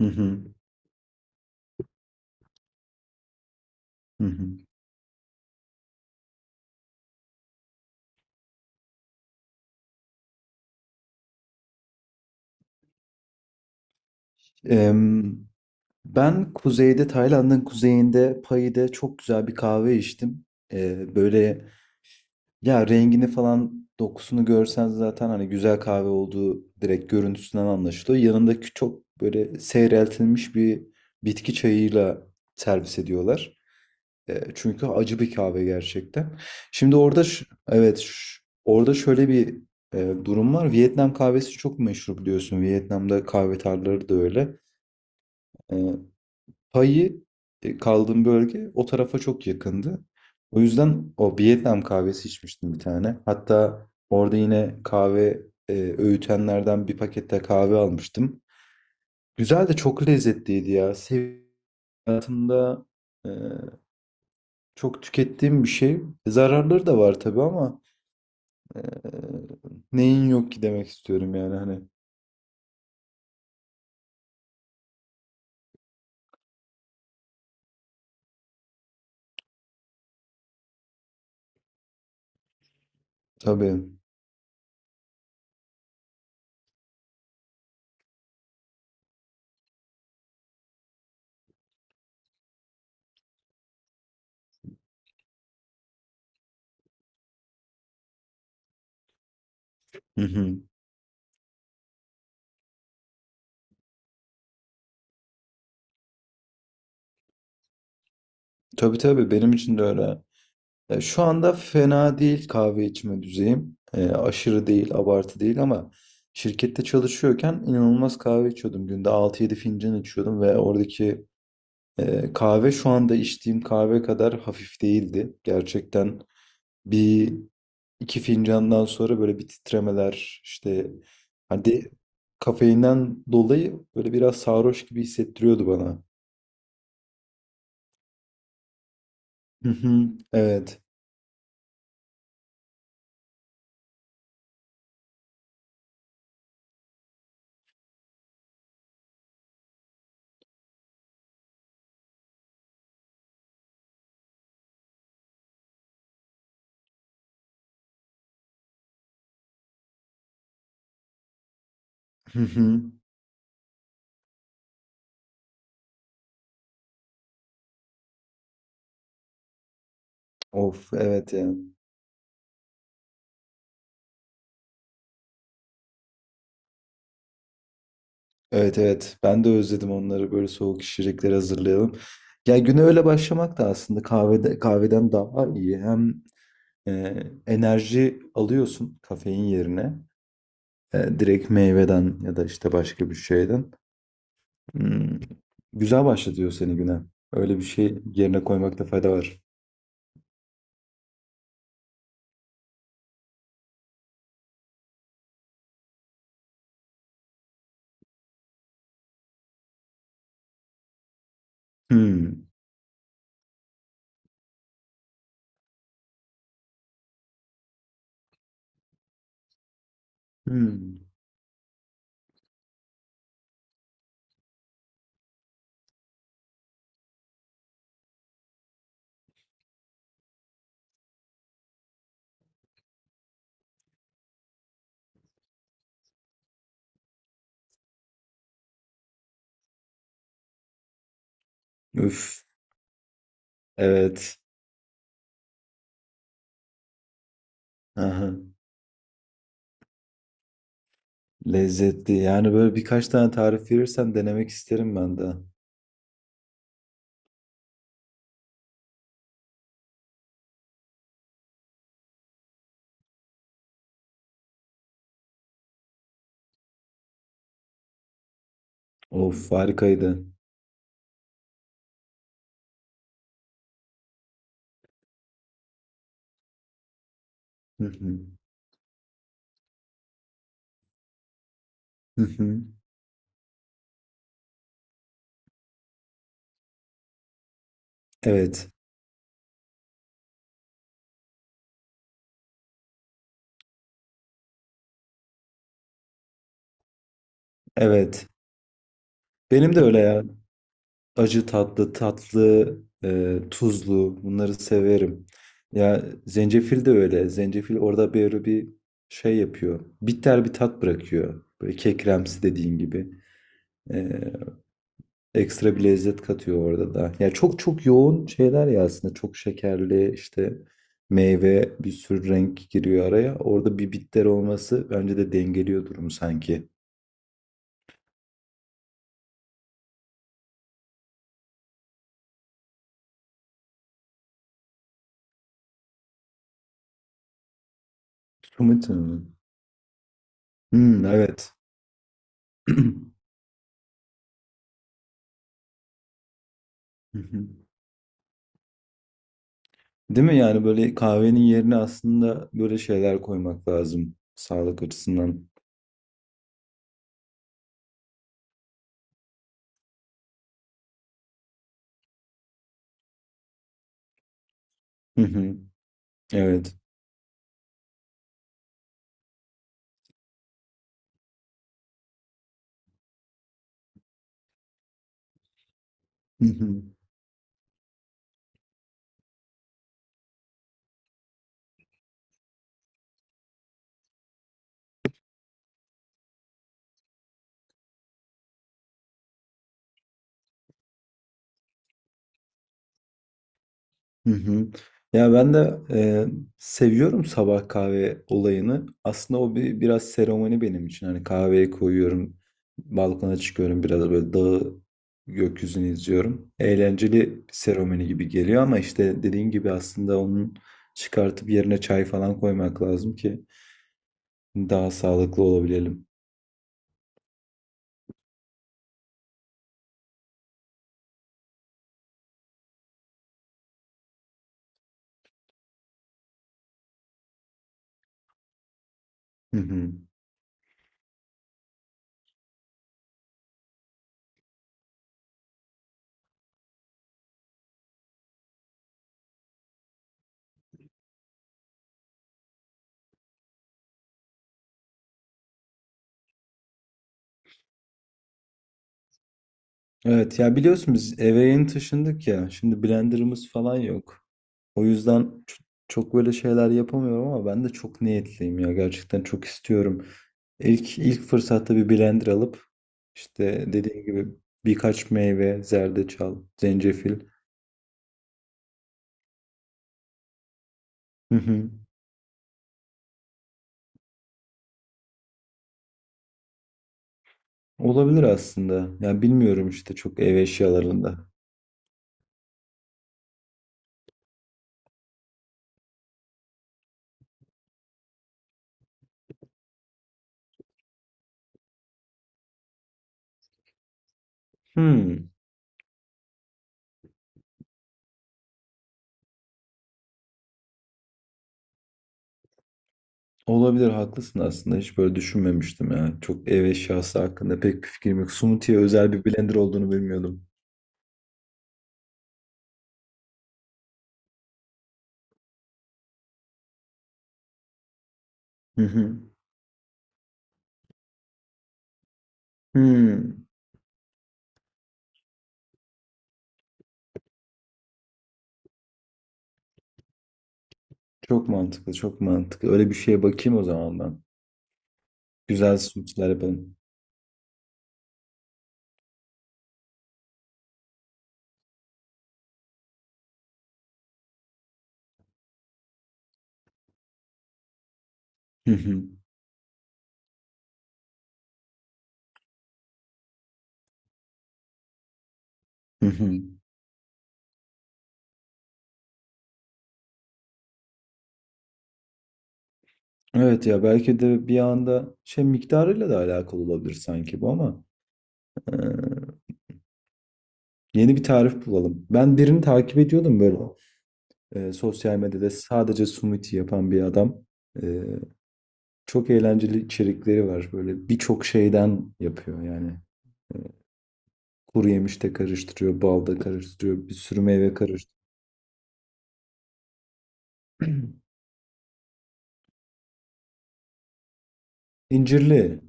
Hı hı, hı hı. Em, Ben kuzeyde, Tayland'ın kuzeyinde Pahi'de çok güzel bir kahve içtim. Böyle ya rengini falan dokusunu görsen zaten hani güzel kahve olduğu direkt görüntüsünden anlaşılıyor. Yanındaki çok böyle seyreltilmiş bir bitki çayıyla servis ediyorlar. Çünkü acı bir kahve gerçekten. Şimdi orada evet orada şöyle bir durum var. Vietnam kahvesi çok meşhur biliyorsun. Vietnam'da kahve tarlaları da öyle. E, payı kaldığım bölge o tarafa çok yakındı. O yüzden o Vietnam kahvesi içmiştim bir tane. Hatta orada yine kahve öğütenlerden bir pakette kahve almıştım. Güzel de çok lezzetliydi ya. Sev hayatımda e, çok tükettiğim bir şey. Zararları da var tabii ama e, neyin yok ki demek istiyorum yani hani. Tabii. Hı hı. Tabii tabii, benim için de öyle. Ya şu anda fena değil kahve içme düzeyim. Aşırı değil, abartı değil ama şirkette çalışıyorken inanılmaz kahve içiyordum. Günde altı yedi fincan içiyordum ve oradaki kahve şu anda içtiğim kahve kadar hafif değildi. Gerçekten bir iki fincandan sonra böyle bir titremeler işte hadi kafeinden dolayı böyle biraz sarhoş gibi hissettiriyordu bana. Hı hı, evet. Hı hı. Of, evet yani. Evet evet, ben de özledim onları, böyle soğuk içecekleri hazırlayalım. Ya güne öyle başlamak da aslında kahvede, kahveden daha iyi. Hem enerji alıyorsun kafein yerine. Direkt meyveden ya da işte başka bir şeyden. Hmm, güzel başlatıyor seni güne. Öyle bir şey yerine koymakta fayda var. Hmm, hmm. Üf, evet. Aha, lezzetli. Yani böyle birkaç tane tarif verirsen denemek isterim ben de. Of, harikaydı. Hı hı. Evet, evet. Benim de öyle ya. Acı tatlı, tatlı, tuzlu, bunları severim. Ya zencefil de öyle. Zencefil orada böyle bir şey yapıyor. Bitter bir tat bırakıyor. Böyle kekremsi dediğin gibi. E, ekstra bir lezzet katıyor orada da. Ya çok çok yoğun şeyler ya aslında. Çok şekerli işte meyve bir sürü renk giriyor araya. Orada bir bitter olması bence de dengeliyor durumu sanki. Sumut'un. Hmm, evet. Değil mi? Yani böyle kahvenin yerine aslında böyle şeyler koymak lazım sağlık açısından. Hı hı. Evet. Hı hı. Hı hı. Ya ben de seviyorum sabah kahve olayını. Aslında o bir biraz seremoni benim için. Hani kahveyi koyuyorum, balkona çıkıyorum, biraz böyle dağı, gökyüzünü izliyorum. Eğlenceli bir seremoni gibi geliyor ama işte dediğin gibi aslında onun çıkartıp yerine çay falan koymak lazım ki daha sağlıklı olabilelim. Hı hı. Evet ya, biliyorsun biz eve yeni taşındık ya. Şimdi blenderımız falan yok. O yüzden çok böyle şeyler yapamıyorum ama ben de çok niyetliyim ya. Gerçekten çok istiyorum. İlk fırsatta bir blender alıp işte dediğim gibi birkaç meyve, zerdeçal, zencefil. Hı hı. Olabilir aslında. Ya bilmiyorum işte çok ev eşyalarında. Hmm. Olabilir, haklısın aslında, hiç böyle düşünmemiştim ya. Çok ev eşyası hakkında pek bir fikrim yok. Smoothie'ye özel bir blender olduğunu bilmiyordum. Hı hı. Hmm. Çok mantıklı, çok mantıklı. Öyle bir şeye bakayım o zaman ben. Güzel smoothie'ler yapalım. Hı hı. Hı hı. Evet ya, belki de bir anda şey miktarıyla da alakalı olabilir sanki bu ama e, yeni bir tarif bulalım. Ben birini takip ediyordum, böyle sosyal medyada sadece smoothie yapan bir adam. Çok eğlenceli içerikleri var. Böyle birçok şeyden yapıyor yani. E, Kuru yemiş de karıştırıyor, bal da karıştırıyor, bir sürü meyve karıştırıyor. İncirli.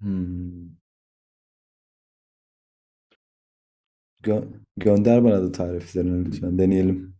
Hmm. Gö- gönder bana da tariflerini lütfen. Deneyelim.